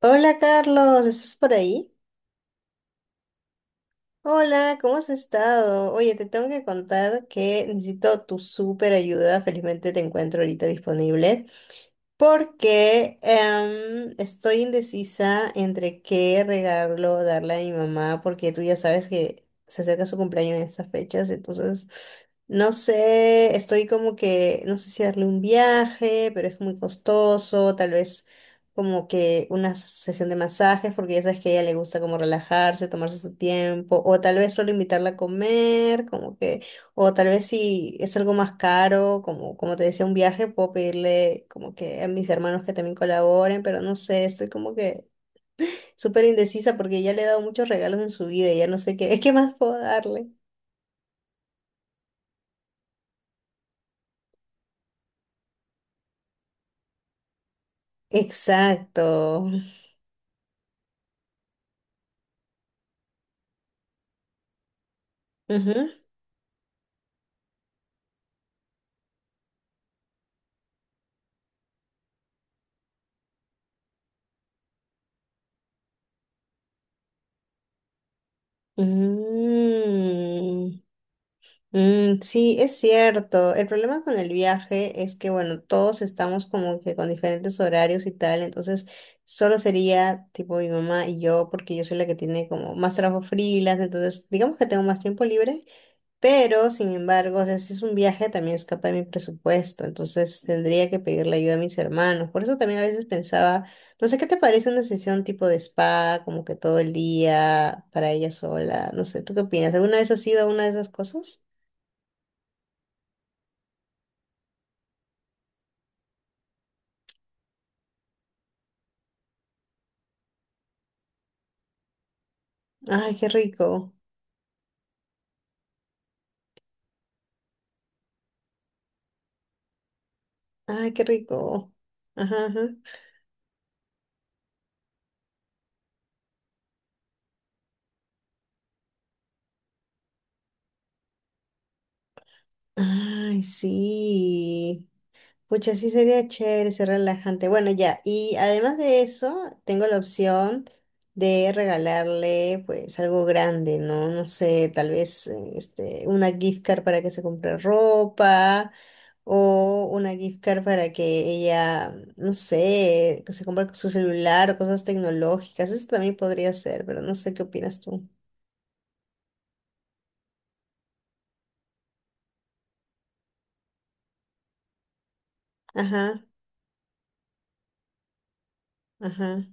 Hola Carlos, ¿estás por ahí? Hola, ¿cómo has estado? Oye, te tengo que contar que necesito tu súper ayuda. Felizmente te encuentro ahorita disponible. Porque estoy indecisa entre qué regalo darle a mi mamá, porque tú ya sabes que se acerca su cumpleaños en estas fechas, entonces no sé, estoy como que, no sé si darle un viaje, pero es muy costoso, tal vez como que una sesión de masajes, porque ya sabes que a ella le gusta como relajarse, tomarse su tiempo, o tal vez solo invitarla a comer, como que. O tal vez si es algo más caro, como, como te decía, un viaje, puedo pedirle como que a mis hermanos que también colaboren, pero no sé, estoy como que súper indecisa porque ya le he dado muchos regalos en su vida y ya no sé qué, ¿qué más puedo darle? Exacto. Ujú. Mm. Mm, sí, es cierto. El problema con el viaje es que, bueno, todos estamos como que con diferentes horarios y tal, entonces solo sería tipo mi mamá y yo, porque yo soy la que tiene como más trabajo freelance, entonces digamos que tengo más tiempo libre, pero sin embargo, o sea, si es un viaje también escapa de mi presupuesto, entonces tendría que pedirle ayuda a mis hermanos. Por eso también a veces pensaba, no sé, ¿qué te parece una sesión tipo de spa, como que todo el día para ella sola? No sé, ¿tú qué opinas? ¿Alguna vez has ido a una de esas cosas? Ay, qué rico. Ay, qué rico. Ajá, ajá. Ay, sí. Pucha, sí sería chévere, ser relajante. Bueno, ya. Y además de eso, tengo la opción de regalarle, pues, algo grande, ¿no? No sé, tal vez, este, una gift card para que se compre ropa o una gift card para que ella, no sé, que se compre su celular o cosas tecnológicas. Eso también podría ser, pero no sé qué opinas tú. Ajá, ajá.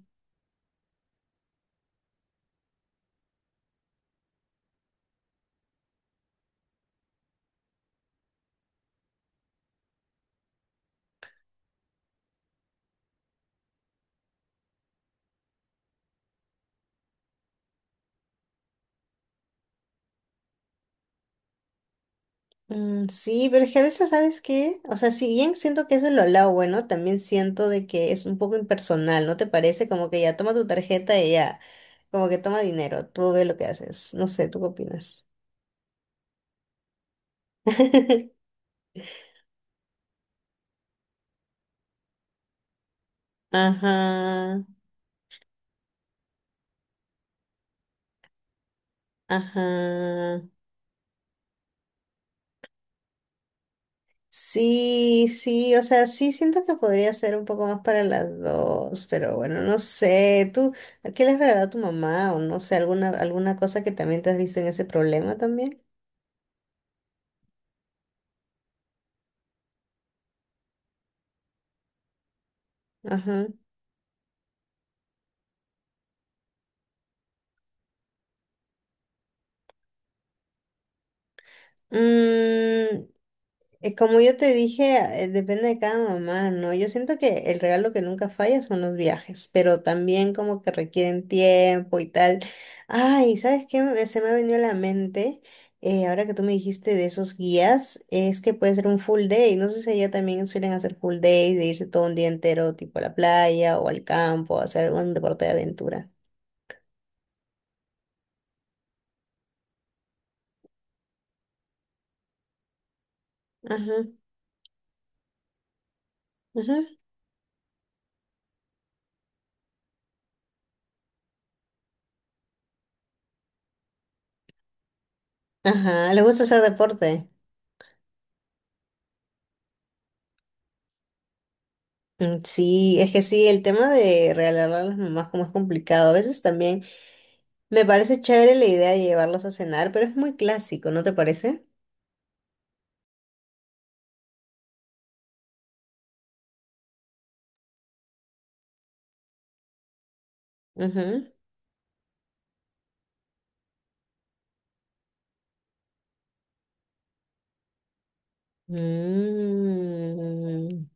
Mm, sí, pero es que a veces, ¿sabes qué? O sea, si bien siento que eso es lo lado bueno, también siento de que es un poco impersonal, ¿no te parece? Como que ya toma tu tarjeta y ya, como que toma dinero, tú ve lo que haces. No sé, ¿tú qué opinas? Ajá, ajá. Sí, sí, o sea, sí siento que podría ser un poco más para las dos, pero bueno, no sé, ¿tú qué le has regalado a tu mamá o no sé, alguna, alguna cosa que también te has visto en ese problema también? Ajá. Mm, como yo te dije, depende de cada mamá, ¿no? Yo siento que el regalo que nunca falla son los viajes, pero también como que requieren tiempo y tal. Ay, ¿sabes qué? Se me ha venido a la mente, ahora que tú me dijiste de esos guías, es que puede ser un full day. No sé si allá también suelen hacer full days, de irse todo un día entero, tipo a la playa o al campo, a hacer un deporte de aventura. Ajá, ajá. Ajá, ¿le gusta hacer deporte? Mm, sí, es que sí, el tema de regalarle a las mamás como es complicado. A veces también me parece chévere la idea de llevarlos a cenar, pero es muy clásico, ¿no te parece? Ujú. Mm,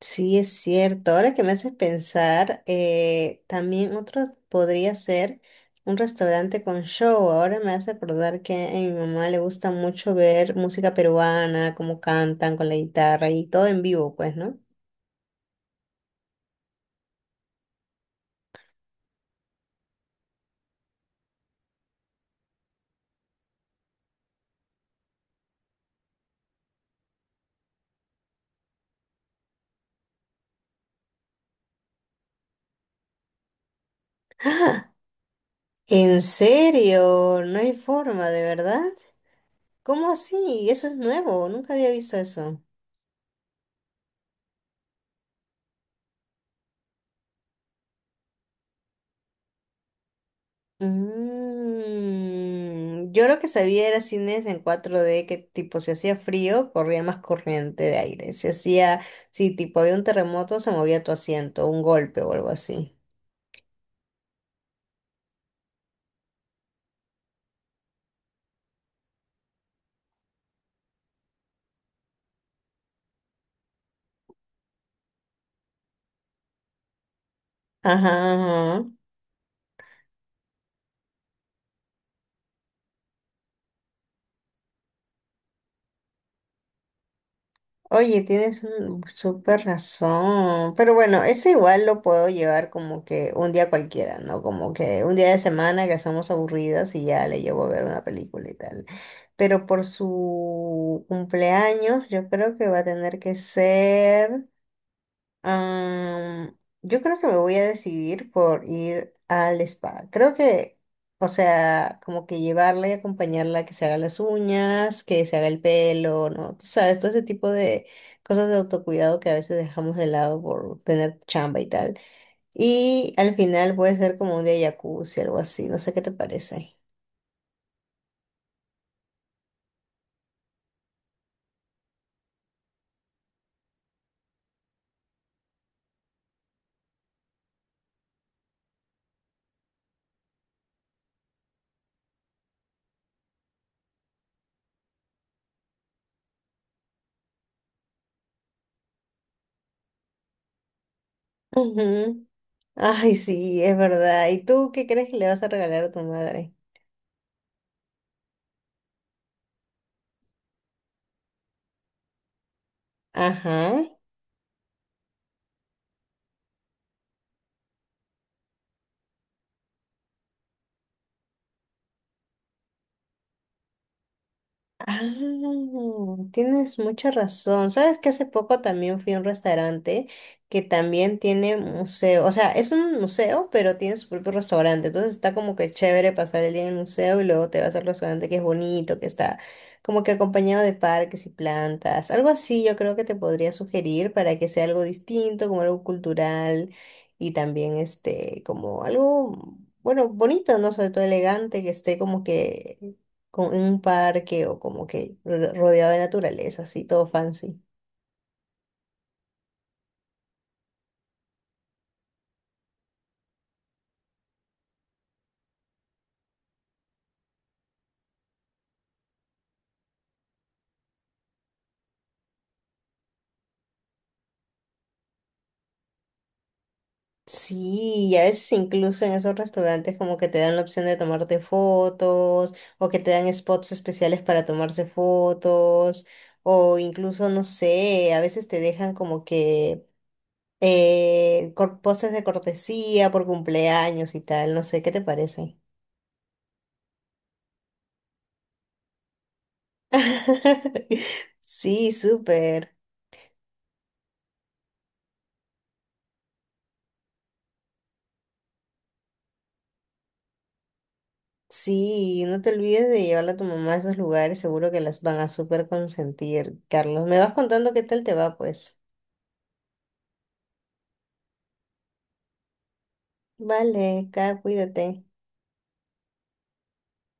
sí, es cierto. Ahora que me haces pensar, también otro podría ser un restaurante con show. Ahora me hace acordar que a mi mamá le gusta mucho ver música peruana, cómo cantan con la guitarra y todo en vivo, pues, ¿no? ¿En serio? No hay forma, ¿de verdad? ¿Cómo así? Eso es nuevo, nunca había visto eso. Mm, yo lo que sabía era cines en 4D que tipo si hacía frío, corría más corriente de aire. Si hacía, si tipo había un terremoto, se movía tu asiento, un golpe o algo así. Ajá, oye, tienes un súper razón. Pero bueno, eso igual lo puedo llevar como que un día cualquiera, ¿no? Como que un día de semana que estamos aburridas y ya le llevo a ver una película y tal. Pero por su cumpleaños, yo creo que va a tener que ser. Am, yo creo que me voy a decidir por ir al spa. Creo que, o sea, como que llevarla y acompañarla, que se haga las uñas, que se haga el pelo, ¿no? Tú sabes, todo ese tipo de cosas de autocuidado que a veces dejamos de lado por tener chamba y tal. Y al final puede ser como un día de jacuzzi, algo así, no sé qué te parece. Ujú. Ay, sí, es verdad. ¿Y tú qué crees que le vas a regalar a tu madre? Ajá. Ah, tienes mucha razón. Sabes que hace poco también fui a un restaurante que también tiene museo. O sea, es un museo, pero tiene su propio restaurante. Entonces está como que chévere pasar el día en el museo y luego te vas al restaurante que es bonito, que está como que acompañado de parques y plantas. Algo así yo creo que te podría sugerir para que sea algo distinto, como algo cultural y también este, como algo, bueno, bonito, ¿no? Sobre todo elegante, que esté como que en un parque o como que rodeado de naturaleza, así todo fancy. Sí, y a veces incluso en esos restaurantes como que te dan la opción de tomarte fotos o que te dan spots especiales para tomarse fotos o incluso, no sé, a veces te dejan como que poses de cortesía por cumpleaños y tal, no sé, ¿qué te parece? Sí, súper. Sí, no te olvides de llevarla a tu mamá a esos lugares, seguro que las van a súper consentir. Carlos, me vas contando qué tal te va, pues. Vale, Kat, cuídate.